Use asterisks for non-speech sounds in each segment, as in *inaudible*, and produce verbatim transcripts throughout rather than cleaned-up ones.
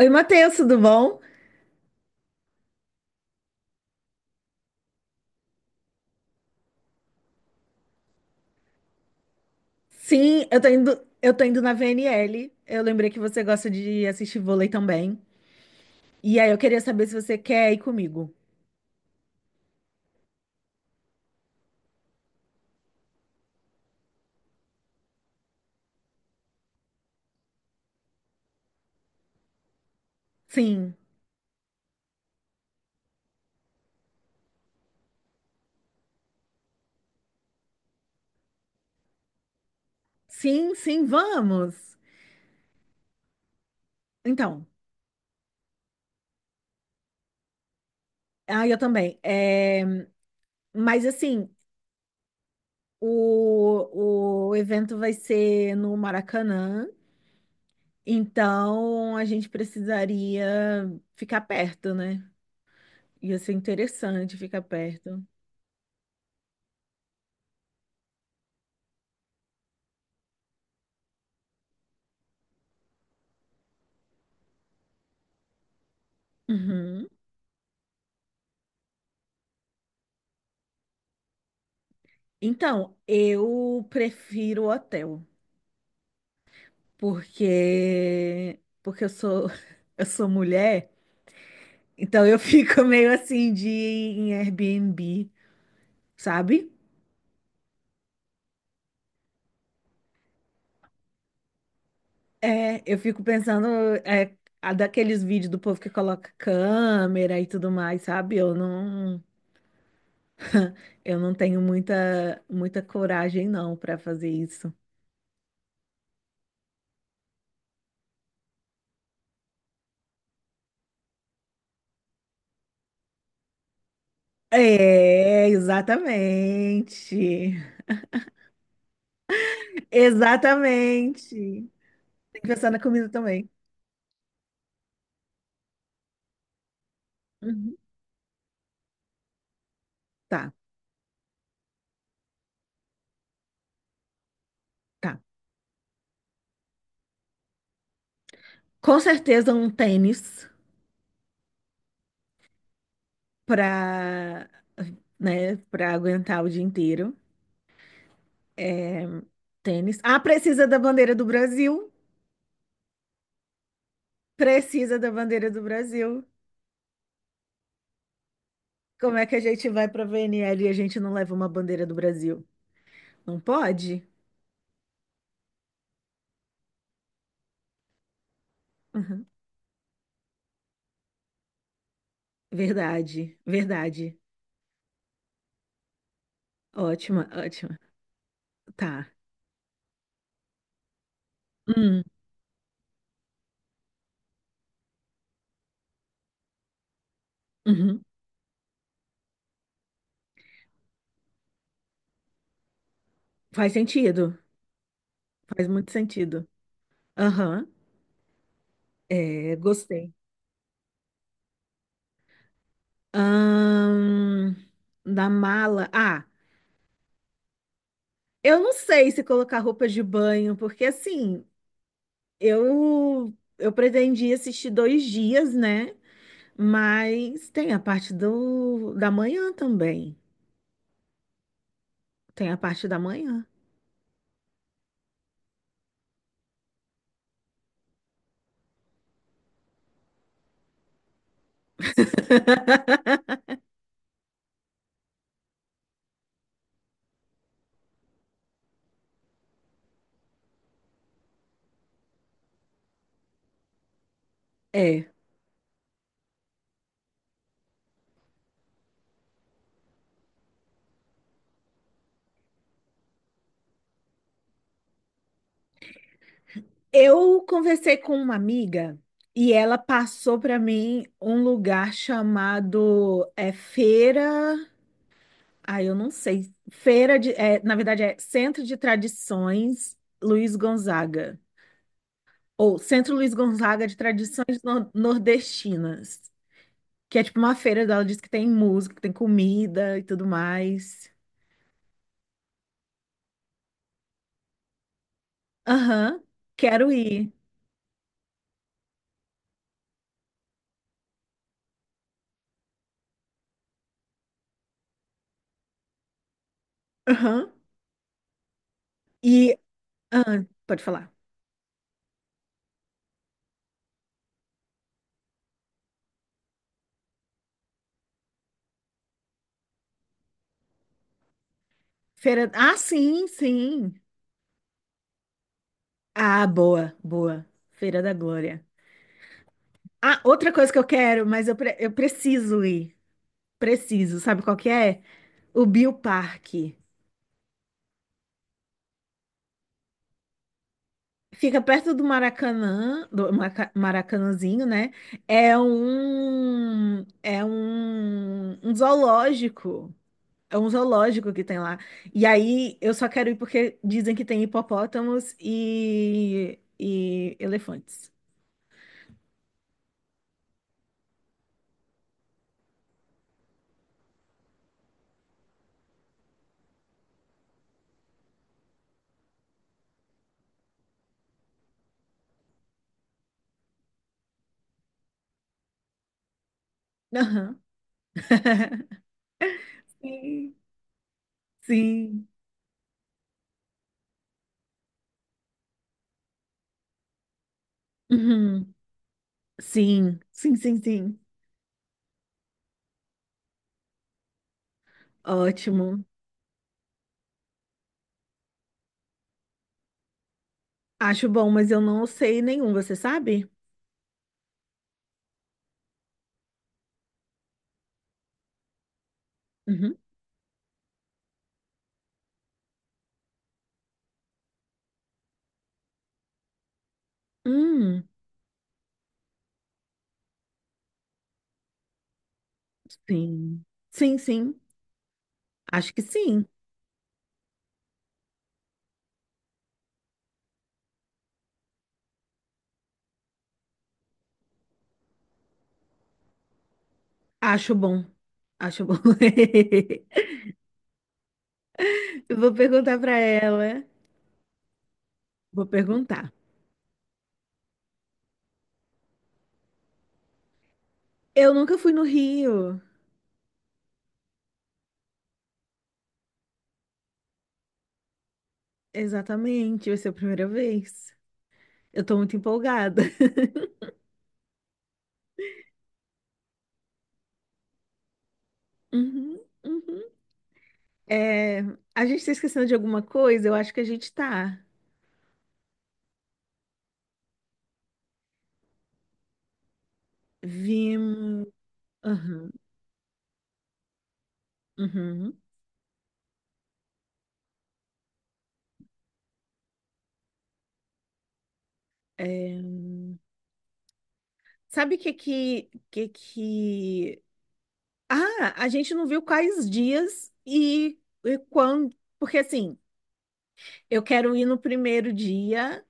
Oi, Matheus, tudo bom? Sim, eu tô indo, eu tô indo na V N L. Eu lembrei que você gosta de assistir vôlei também. E aí eu queria saber se você quer ir comigo. Sim, sim, sim, vamos. Então, ah, eu também. É, mas assim, o, o evento vai ser no Maracanã, então a gente precisaria ficar perto, né? Ia ser interessante ficar perto. Uhum. Então, eu prefiro o hotel, porque porque eu sou *laughs* eu sou mulher, então eu fico *laughs* meio assim de ir em Airbnb, sabe? É, eu fico pensando é, a daqueles vídeos do povo que coloca câmera e tudo mais, sabe? Eu não eu não tenho muita muita coragem não para fazer isso. É, exatamente. *laughs* Exatamente. Tem que pensar na comida também. Uhum. Tá, tá. Com certeza um tênis para né, para aguentar o dia inteiro. É, tênis. Ah, precisa da bandeira do Brasil. Precisa da bandeira do Brasil. Como é que a gente vai para a V N L e a gente não leva uma bandeira do Brasil? Não pode? Uhum. Verdade, verdade. Ótima, ótima. Tá. Hum, uhum. Faz sentido, faz muito sentido. Aham, é, gostei. Ahn, da mala. Ah, eu não sei se colocar roupa de banho, porque assim, eu eu pretendi assistir dois dias, né? Mas tem a parte do da manhã também. Tem a parte da manhã. *laughs* É. Eu conversei com uma amiga e ela passou para mim um lugar chamado é, Feira. Ah, eu não sei. Feira de, é, na verdade, é Centro de Tradições Luiz Gonzaga. Ou Centro Luiz Gonzaga de Tradições Nor- Nordestinas. Que é tipo uma feira, dela diz que tem música, que tem comida e tudo mais. Aham, quero ir. Aham. E. Ah, pode falar. Feira. Ah, sim, sim. Ah, boa, boa. Feira da Glória. Ah, outra coisa que eu quero, mas eu, pre- eu preciso ir. Preciso, sabe qual que é? O Bioparque. Fica perto do Maracanã, do Maca- Maracanãzinho, né? É um, é um, um zoológico. É um zoológico que tem lá. E aí eu só quero ir porque dizem que tem hipopótamos e, e elefantes. Aham. *laughs* Sim. Sim. Uhum. Sim, sim, sim, sim. Ótimo. Acho bom, mas eu não sei nenhum, você sabe? Uhum. Hum, sim. Sim, sim. Acho que sim. Acho bom. Acho bom. *laughs* Eu vou perguntar pra ela. Vou perguntar. Eu nunca fui no Rio. Exatamente, vai ser a primeira vez. Eu tô muito empolgada. *laughs* Uhum, uhum. É, a gente tá esquecendo de alguma coisa? Eu acho que a gente tá. Vimos. Uhum, uhum. É, sabe o que que, que que... ah, a gente não viu quais dias e, e quando. Porque assim. Eu quero ir no primeiro dia,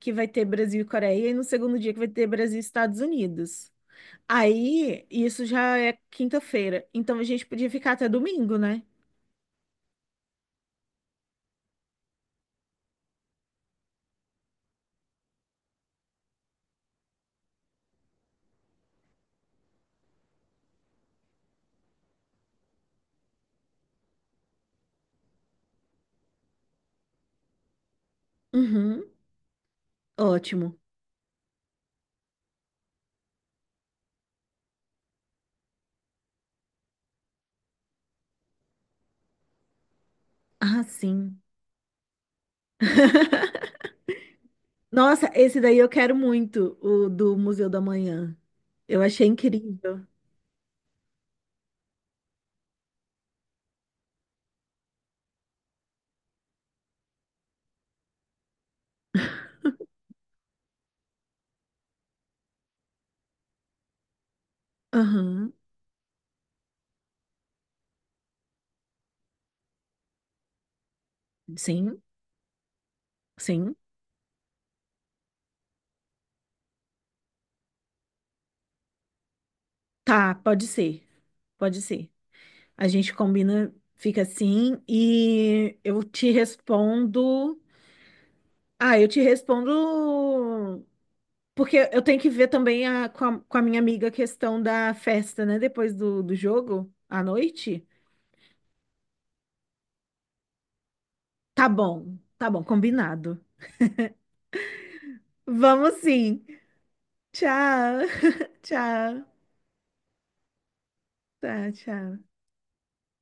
que vai ter Brasil e Coreia, e no segundo dia, que vai ter Brasil e Estados Unidos. Aí, isso já é quinta-feira. Então a gente podia ficar até domingo, né? Uhum, ótimo. Ah, sim. *laughs* Nossa, esse daí eu quero muito, o do Museu da Manhã. Eu achei incrível. Aham, sim, sim. Tá, pode ser, pode ser. A gente combina, fica assim, e eu te respondo. Ah, eu te respondo porque eu tenho que ver também a- com a, com a minha amiga a questão da festa, né? Depois do, do jogo, à noite. Tá bom, tá bom, combinado. Vamos sim. Tchau, *laughs* tchau, tá, tchau.